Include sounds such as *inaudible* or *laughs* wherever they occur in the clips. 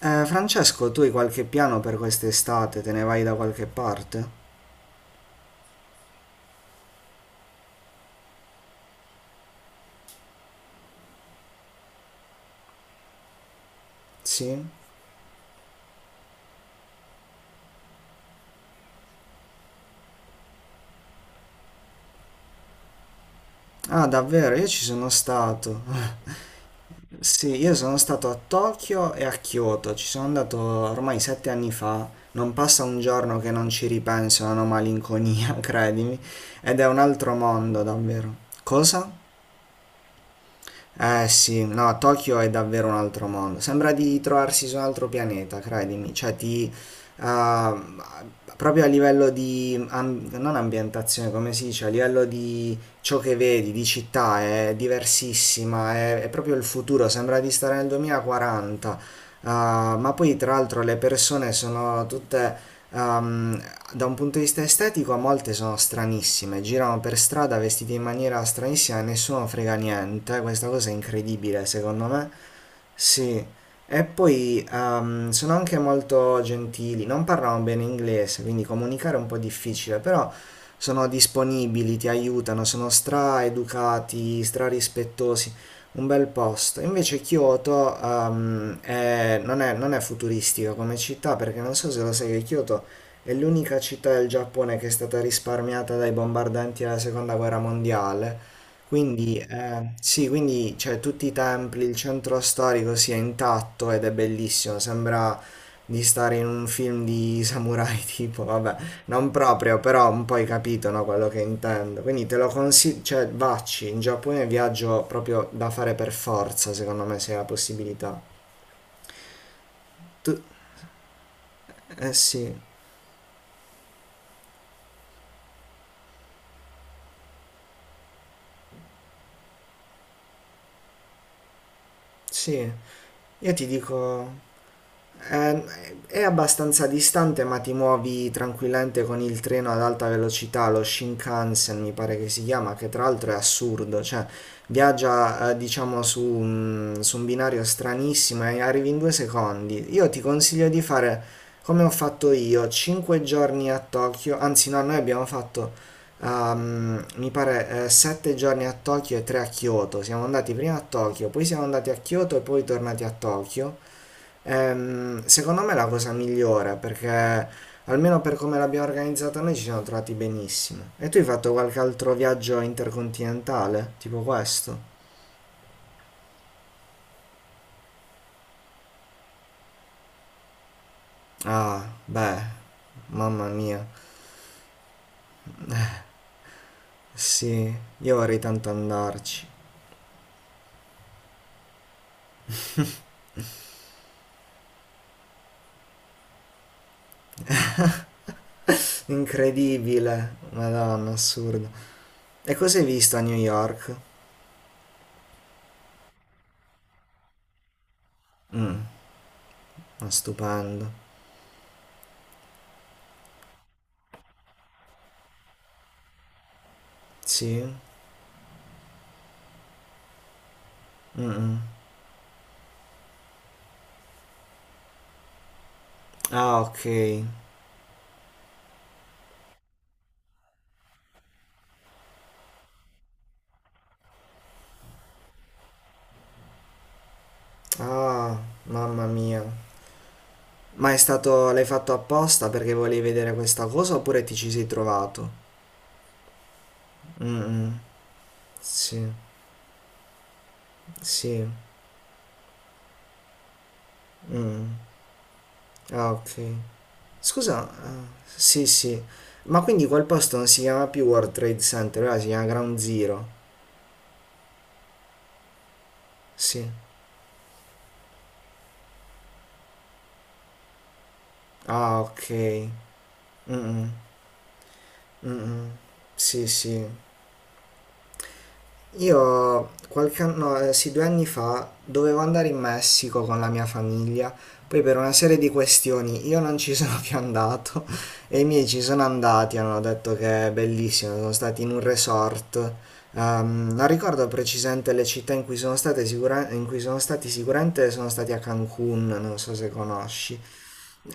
Francesco, tu hai qualche piano per quest'estate? Te ne vai da qualche parte? Sì? Ah, davvero? Io ci sono stato. *laughs* Sì, io sono stato a Tokyo e a Kyoto. Ci sono andato ormai 7 anni fa. Non passa un giorno che non ci ripenso, non ho malinconia, *laughs* credimi. Ed è un altro mondo, davvero. Cosa? Eh sì, no, Tokyo è davvero un altro mondo. Sembra di trovarsi su un altro pianeta, credimi. Cioè, ti. Ah, proprio a livello di. Non ambientazione, come si dice, a livello di ciò che vedi, di città, è diversissima. È proprio il futuro. Sembra di stare nel 2040. Ma poi tra l'altro le persone sono tutte, um, da un punto di vista estetico, molte sono stranissime, girano per strada vestite in maniera stranissima e nessuno frega niente, questa cosa è incredibile secondo me. Sì, e poi sono anche molto gentili, non parlano bene inglese, quindi comunicare è un po' difficile, però sono disponibili, ti aiutano, sono stra-educati, stra-rispettosi, un bel posto. Invece Kyoto non è futuristica come città, perché non so se lo sai che Kyoto è l'unica città del Giappone che è stata risparmiata dai bombardanti della Seconda Guerra Mondiale. Quindi, sì, quindi cioè, tutti i templi, il centro storico sia intatto ed è bellissimo, sembra di stare in un film di samurai *laughs* tipo, vabbè, non proprio, però un po' hai capito, no, quello che intendo. Quindi te lo consiglio, cioè vacci, in Giappone è un viaggio proprio da fare per forza, secondo me, se hai la possibilità. Tu, eh sì, sì, io ti dico... Eh, è abbastanza distante, ma ti muovi tranquillamente con il treno ad alta velocità, lo Shinkansen mi pare che si chiama, che tra l'altro è assurdo, cioè viaggia diciamo su un binario stranissimo e arrivi in 2 secondi. Io ti consiglio di fare come ho fatto io, 5 giorni a Tokyo, anzi no, noi abbiamo fatto mi pare 7 giorni a Tokyo e 3 a Kyoto, siamo andati prima a Tokyo, poi siamo andati a Kyoto e poi tornati a Tokyo. Secondo me è la cosa migliore perché almeno per come l'abbiamo organizzata noi ci siamo trovati benissimo. E tu hai fatto qualche altro viaggio intercontinentale? Tipo questo? Ah, beh, mamma mia. Sì, io vorrei tanto andarci. Incredibile, madonna, assurdo. E cosa hai visto a New York? Ma stupendo. Sì? Mm-mm. Ah, ok. Ah, mamma mia. Ma è stato, l'hai fatto apposta perché volevi vedere questa cosa oppure ti ci sei trovato? Mh-mh, sì, sì, mh, ah ok. Scusa, ah, sì sì, ma quindi quel posto non si chiama più World Trade Center, ora si chiama Ground Zero? Sì. Ah ok, mh-mh, mh-mh, sì sì. Io qualche anno, sì, 2 anni fa dovevo andare in Messico con la mia famiglia, poi per una serie di questioni io non ci *laughs* sono più andato *laughs* e i miei ci sono andati, hanno detto che è bellissimo, sono stati in un resort. Non ricordo precisamente le città in cui sono state in cui sono stati, sicuramente sono stati a Cancun, non so se conosci.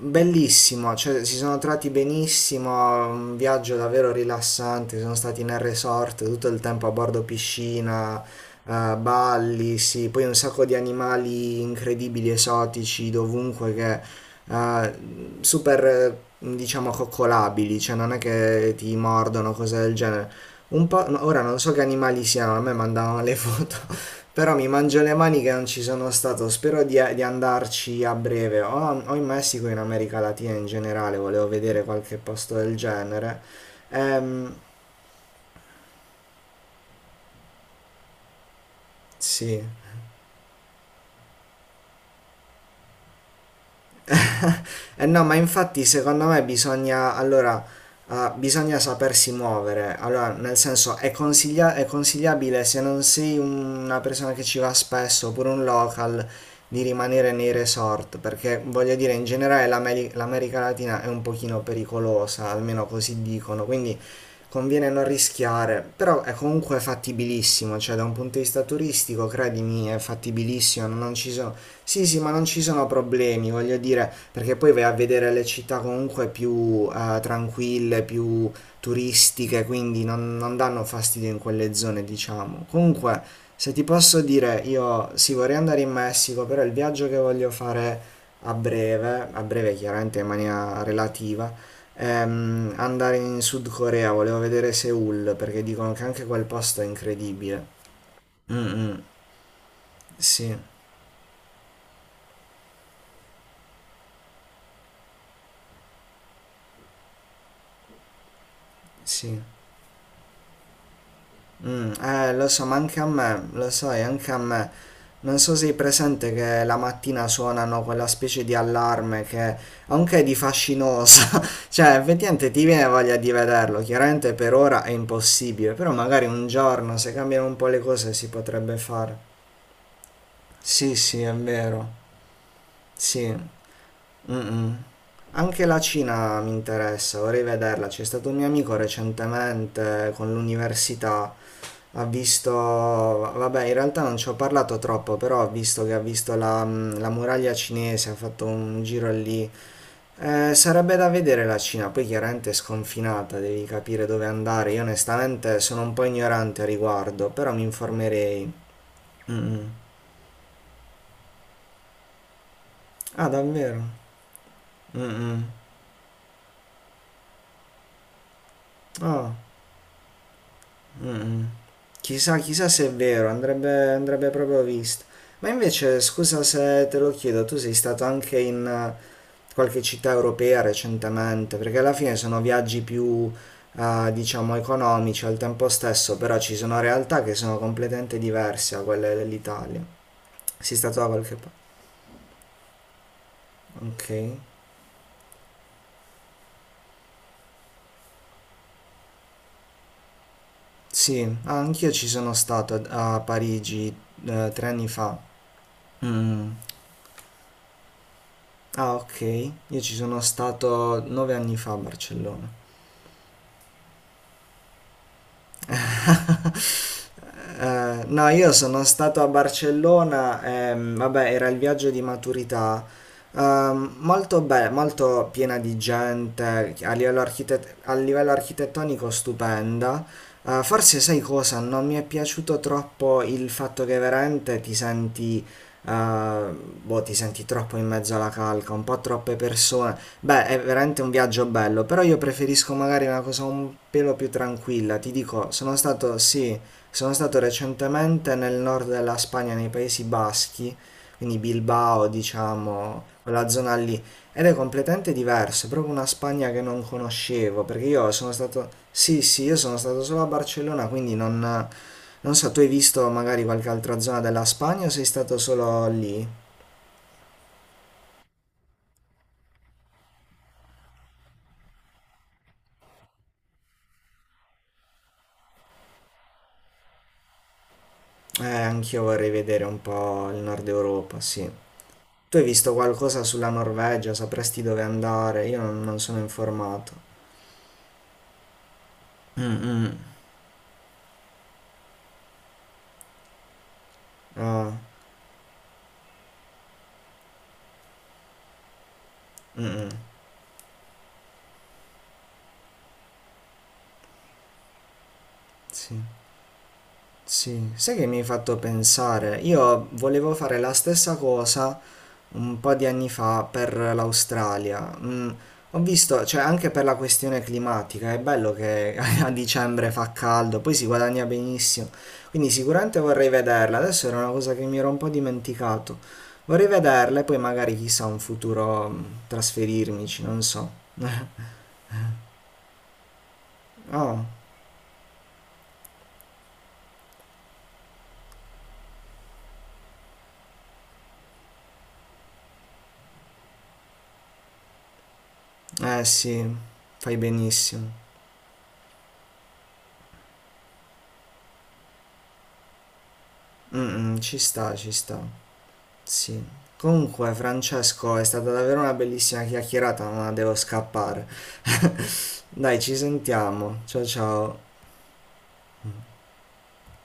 Bellissimo, cioè si sono trovati benissimo, un viaggio davvero rilassante, sono stati nel resort tutto il tempo a bordo piscina, balli, sì, poi un sacco di animali incredibili, esotici, dovunque che eh, super diciamo coccolabili, cioè non è che ti mordono, cose del genere. Un po', no, ora non so che animali siano, a me mandavano le foto *laughs* Però mi mangio le mani che non ci sono stato, spero di andarci a breve, o in Messico o in America Latina in generale, volevo vedere qualche posto del genere. Ehm, sì, Eh no, ma infatti secondo me bisogna, allora, bisogna sapersi muovere. Allora, nel senso, è, è consigliabile se non sei una persona che ci va spesso oppure un local di rimanere nei resort, perché voglio dire, in generale l'America Latina è un pochino pericolosa, almeno così dicono, quindi conviene non rischiare, però è comunque fattibilissimo, cioè da un punto di vista turistico, credimi, è fattibilissimo, non ci sono... Sì, sì, ma non ci sono problemi, voglio dire, perché poi vai a vedere le città comunque più tranquille, più turistiche, quindi non danno fastidio in quelle zone, diciamo. Comunque, se ti posso dire, io sì, vorrei andare in Messico, però il viaggio che voglio fare a breve chiaramente in maniera relativa, andare in Sud Corea, volevo vedere Seoul perché dicono che anche quel posto è incredibile. Mm, mm, sì, sì. Mm, lo so, ma anche a me, lo sai, anche a me. Non so se hai presente che la mattina suonano quella specie di allarme che anche è di fascinosa, *laughs* cioè effettivamente ti viene voglia di vederlo, chiaramente per ora è impossibile, però magari un giorno se cambiano un po' le cose si potrebbe fare. Sì, sì, è vero. Sì. Mm-mm. Anche la Cina mi interessa, vorrei vederla. C'è stato un mio amico recentemente con l'università, ha visto, vabbè, in realtà non ci ho parlato troppo, però ho visto che ha visto la, mm, la muraglia cinese, ha fatto un giro lì. Sarebbe da vedere la Cina, poi chiaramente è sconfinata, devi capire dove andare. Io onestamente sono un po' ignorante a riguardo, però mi informerei. Mm-mm. Ah, davvero? Mm-mm. Ah. Mm. Chissà, chissà se è vero, andrebbe, andrebbe proprio visto. Ma invece, scusa se te lo chiedo, tu sei stato anche in qualche città europea recentemente, perché alla fine sono viaggi più, diciamo, economici al tempo stesso, però ci sono realtà che sono completamente diverse da quelle dell'Italia. Sei stato da qualche parte? Ok. Sì, ah, anch'io ci sono stato a a Parigi 3 anni fa. Mm. Ah, ok. Io ci sono stato 9 anni fa a Barcellona. *laughs* No, io sono stato a Barcellona, vabbè, era il viaggio di maturità. Molto bella, molto piena di gente, a livello a livello architettonico stupenda. Forse sai cosa? Non mi è piaciuto troppo il fatto che veramente ti senti eh, boh, ti senti troppo in mezzo alla calca, un po' troppe persone. Beh, è veramente un viaggio bello, però io preferisco magari una cosa un pelo più tranquilla. Ti dico, sono stato, sì, sono stato recentemente nel nord della Spagna, nei Paesi Baschi, quindi Bilbao, diciamo, quella zona lì. Ed è completamente diverso, è proprio una Spagna che non conoscevo, perché io sono stato, sì, sì, io sono stato solo a Barcellona, quindi non... Non so, tu hai visto magari qualche altra zona della Spagna o sei stato solo lì? Anch'io vorrei vedere un po' il nord Europa, sì. Tu hai visto qualcosa sulla Norvegia? Sapresti dove andare? Io non sono informato. Mm, mm. Ah, mm, mm, sì, sì. Sai che mi hai fatto pensare? Io volevo fare la stessa cosa, un po' di anni fa per l'Australia. Mm, ho visto, cioè anche per la questione climatica, è bello che *laughs* a dicembre fa caldo, poi si guadagna benissimo. Quindi sicuramente vorrei vederla. Adesso era una cosa che mi ero un po' dimenticato. Vorrei vederla e poi magari chissà un futuro mm, trasferirmici, non so. Oh, eh sì, fai benissimo. Mm, mm, ci sta, ci sta. Sì. Comunque, Francesco, è stata davvero una bellissima chiacchierata, ma devo scappare. *laughs* Dai, ci sentiamo. Ciao ciao.